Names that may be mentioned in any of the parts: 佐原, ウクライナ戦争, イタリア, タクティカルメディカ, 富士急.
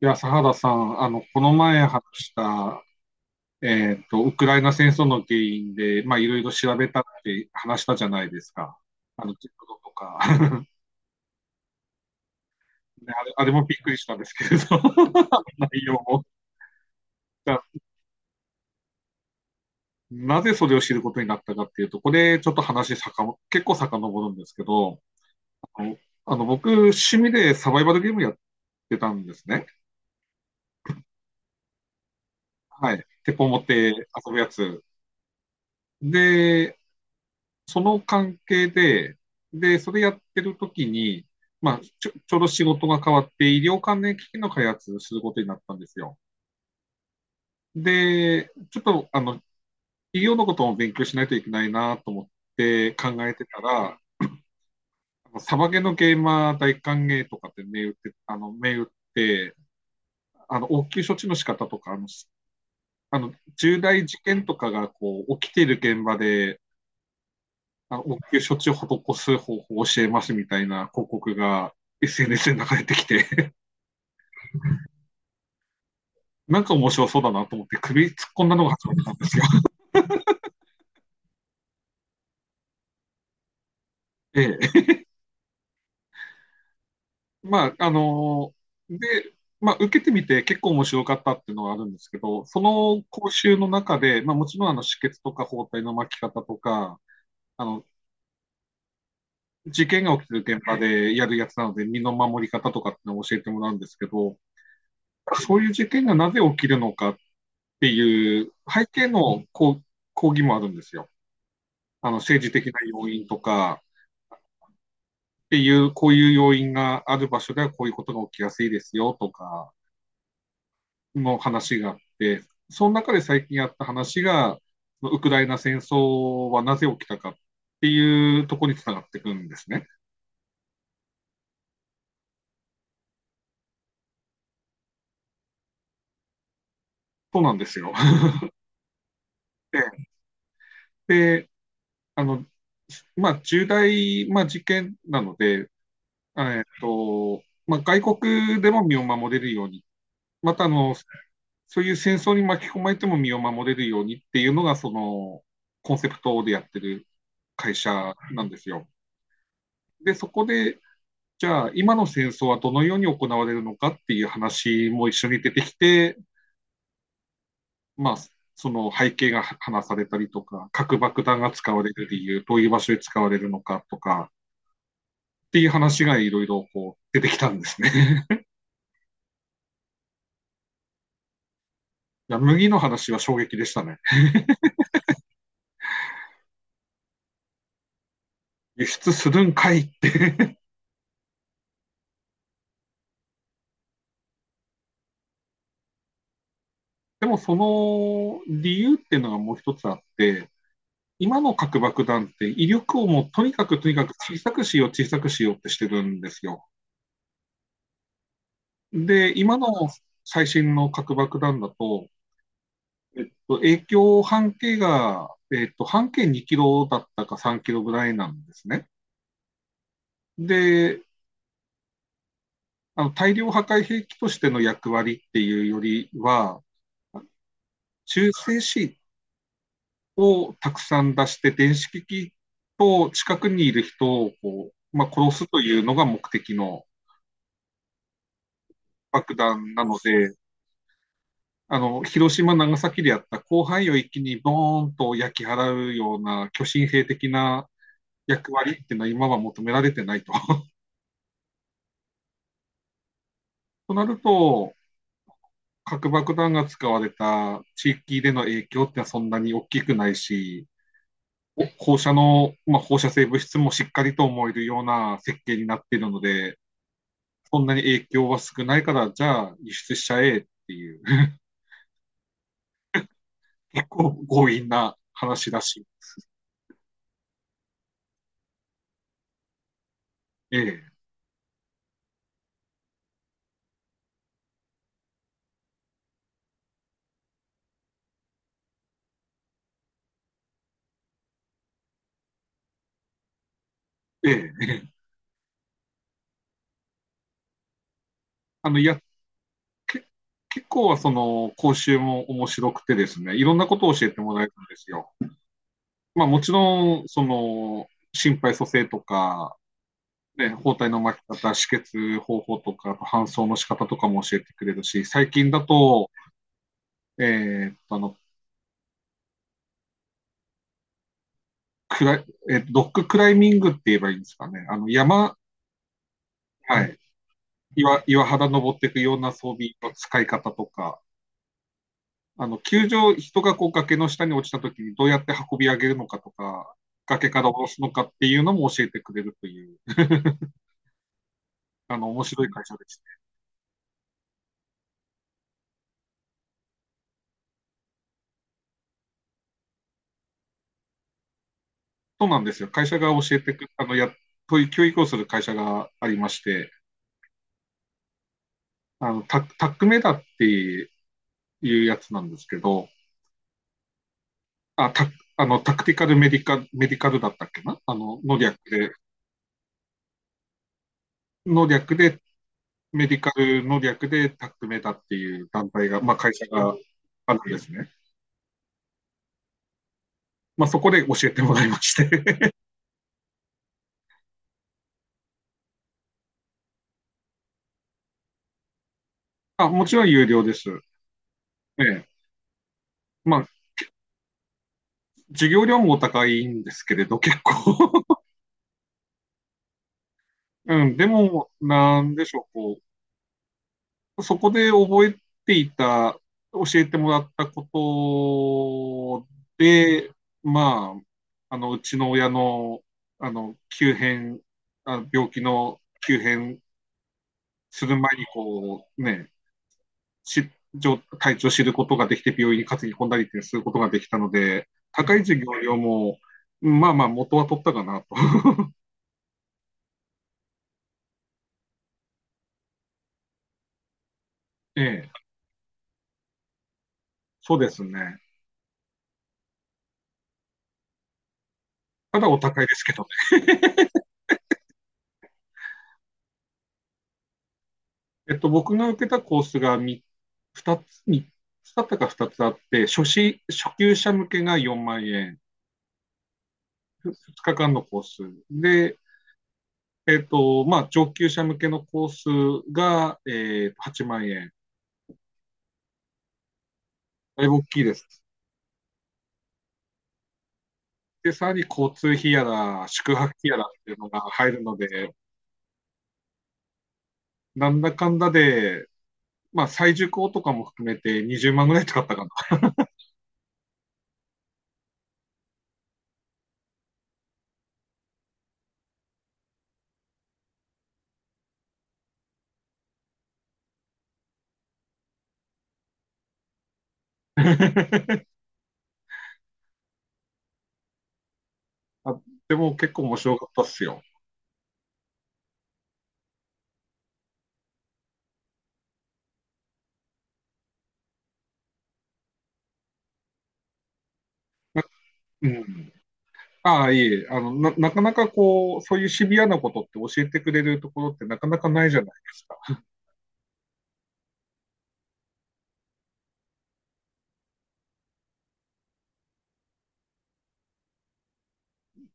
いや、佐原さん、この前話した、ウクライナ戦争の原因で、いろいろ調べたって話したじゃないですか。あの、ジェットとか、ね、あれもびっくりしたんですけれど、内容も。だなぜそれを知ることになったかっていうと、これ、ちょっと話さかも、結構遡るんですけど、あの、あの僕、趣味でサバイバルゲームやってたんですね。はい。鉄砲持って遊ぶやつ。で、その関係で、で、それやってる時に、ちょうど仕事が変わって、医療関連機器の開発することになったんですよ。で、ちょっと、医療のことも勉強しないといけないなと思って考えてたら、あのサバゲのゲーマー大歓迎とかって銘打って、て、応急処置の仕方とか、あの重大事件とかがこう起きている現場であの応急処置を施す方法を教えますみたいな広告が SNS で流れてきて、なんか面白そうだなと思って首突っ込んだのが始まったんですよ。ええ。まあ、あので、まあ、受けてみて結構面白かったっていうのがあるんですけど、その講習の中で、まあ、もちろんあの止血とか包帯の巻き方とか、あの、事件が起きてる現場でやるやつなので、身の守り方とかってのを教えてもらうんですけど、そういう事件がなぜ起きるのかっていう背景の抗議もあるんですよ。あの政治的な要因とかっていう、こういう要因がある場所ではこういうことが起きやすいですよとかの話があって、その中で最近あった話が、ウクライナ戦争はなぜ起きたかっていうところにつながってくるんですね。そうなんですよ。で、あの、まあ、まあ、事件なので、えっと、まあ、外国でも身を守れるように、またあの、そういう戦争に巻き込まれても身を守れるようにっていうのが、そのコンセプトでやってる会社なんですよ。で、そこで、じゃあ今の戦争はどのように行われるのかっていう話も一緒に出てきて、まあ、その背景が話されたりとか、核爆弾が使われる理由、どういう場所で使われるのかとかっていう話がいろいろこう出てきたんですね。いや麦の話は衝撃でしたね。輸出するんかいって。でもその理由っていうのがもう一つあって、今の核爆弾って威力をもうとにかくとにかく小さくしよう、小さくしようってしてるんですよ。で、今の最新の核爆弾だと、影響半径が、半径2キロだったか3キロぐらいなんですね。で、あの大量破壊兵器としての役割っていうよりは、中性子をたくさん出して、電子機器と近くにいる人をこう、まあ、殺すというのが目的の爆弾なので、あの、広島、長崎でやった広範囲を一気にボーンと焼き払うような巨神兵的な役割っていうのは今は求められてないと。となると、核爆弾が使われた地域での影響ってのはそんなに大きくないし、放射の、まあ、放射性物質もしっかりと思えるような設計になっているので、そんなに影響は少ないから、じゃあ輸出しちゃえっていう、結構強引な話だし、ええ、ええ、ええあの、やっけ結構その講習も面白くてですね、いろんなことを教えてもらえるんですよ。まあもちろん、その、心肺蘇生とか、ね、包帯の巻き方、止血方法とか、あと搬送の仕方とかも教えてくれるし、最近だと、えーっと、あの、クライ、ロッククライミングって言えばいいんですかね。あの、山、はい。岩肌登っていくような装備の使い方とか、人がこう崖の下に落ちた時にどうやって運び上げるのかとか、崖から下ろすのかっていうのも教えてくれるという、あの、面白い会社でした。そうなんですよ。会社が教えてく、あの、や、そういう教育をする会社がありまして、タックメダっていうやつなんですけど、あ、タ、あの、タクティカルメディカ、メディカルだったっけなあの、の略で、の略で、メディカルの略でタックメダっていう団体が、まあ、会社があるんですね。まあ、そこで教えてもらいましてあ、もちろん有料です。ええ。まあ、授業料もお高いんですけれど、結構。 うん、でも、なんでしょう、こう、そこで覚えていた、教えてもらったことで、まあ、うちの親の、あの、急変、あ、病気の急変する前に、こう、ね、体調を知ることができて、病院に担ぎ込んだりってすることができたので、高い授業料も、まあまあ、元は取ったかなと。ええ、そうですね。ただお高いですけどね。えっと、僕が受けたコースが2つ、三つだったか2つあって、初級者向けが4万円、2日間のコース。で、まあ、上級者向けのコースが、8万円。だいぶ大きいですね。で、さらに交通費やら、宿泊費やらっていうのが入るので、なんだかんだで、まあ、再受講とかも含めて20万ぐらい使ったかな。あでも結構面白かったっすよ。なうん。ああ、いえいえ、あの、な、なかなかこう、そういうシビアなことって教えてくれるところってなかなかないじゃないですか。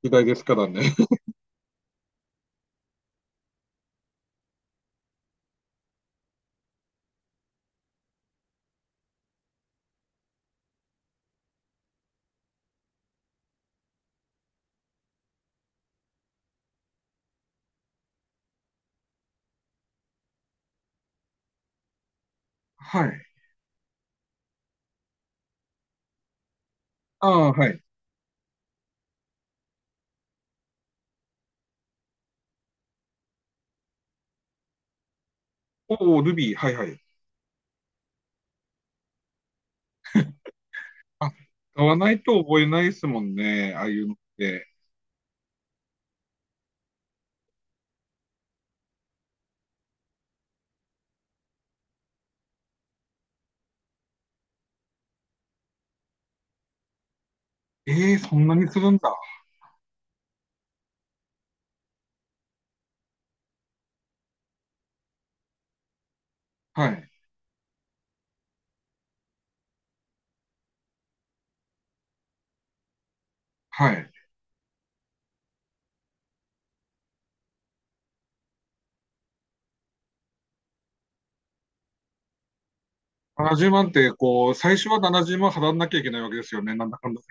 時代ですからね。はい。ああ、はい。おお、ルビー、はいはい。あ、買わないと覚えないですもんね、ああいうのって。ええーそんなにするんだ。はい。はい。70万って、こう、最初は70万払わなきゃいけないわけですよね、なんだかんだ。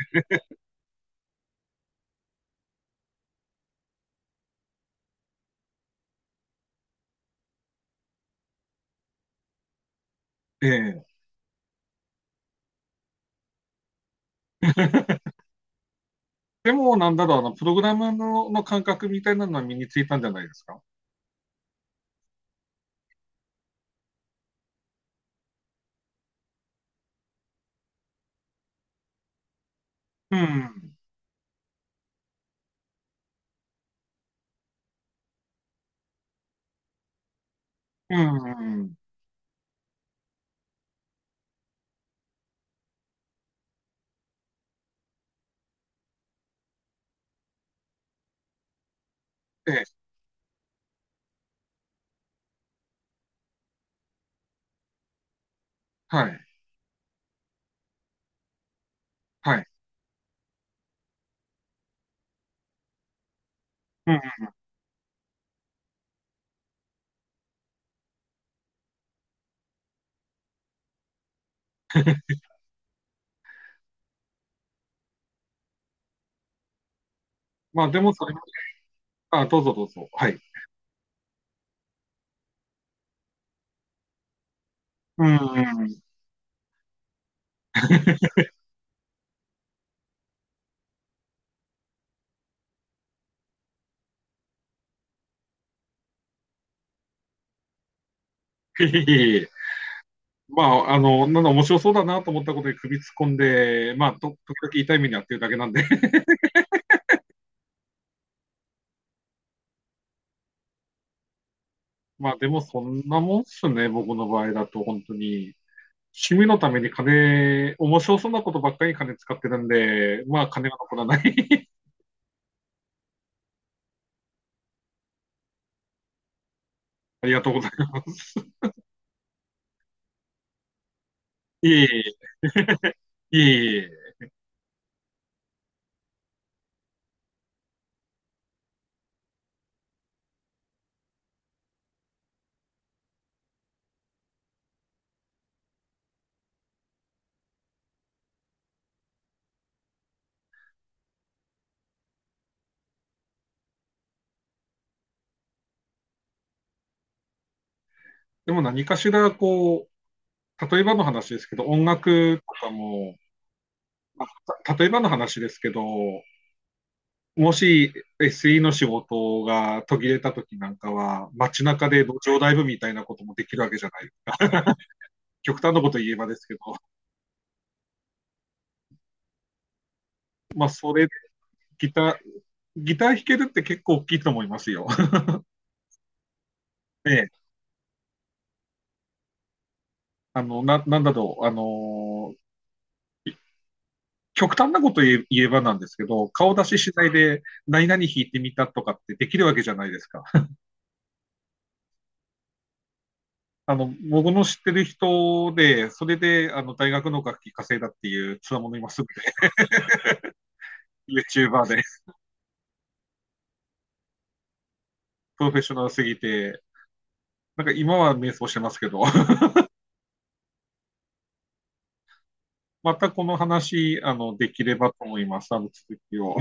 ええ。でも、なんだろう、プログラムの、の感覚みたいなのは身についたんじゃないですか。うん。うん。うんええ。はい。はい。うん。まあ、でも、それ、あ、どうぞどうぞ。はい。うん。いえいえいえまあ、あの、なんだ、面白そうだなと思ったことで首突っ込んで、時々痛い目に遭ってるだけなんで。まあ、でも、そんなもんっすね、僕の場合だと、本当に。趣味のために金、面白そうなことばっかりに金使ってるんで、まあ金が残らない。ありがとうございます。いえいえ、いえいえ。でも何かしら、こう、例えばの話ですけど、音楽とかも、まあ例えばの話ですけど、もし SE の仕事が途切れた時なんかは、街中で路上ライブみたいなこともできるわけじゃない。極端なこと言えばですけど、まあそれ、ギター、ギター弾けるって結構大きいと思いますよ。ね、なんだろう、あの極端なこと言えばなんですけど、顔出ししないで何々弾いてみたとかってできるわけじゃないですか。あの、僕の知ってる人で、それで、あの、大学の楽器稼いだっていうつわものいますので、YouTuber で、プロフェッショナルすぎて、なんか今は瞑想してますけど、またこの話、あの、できればと思います。あの、続きを。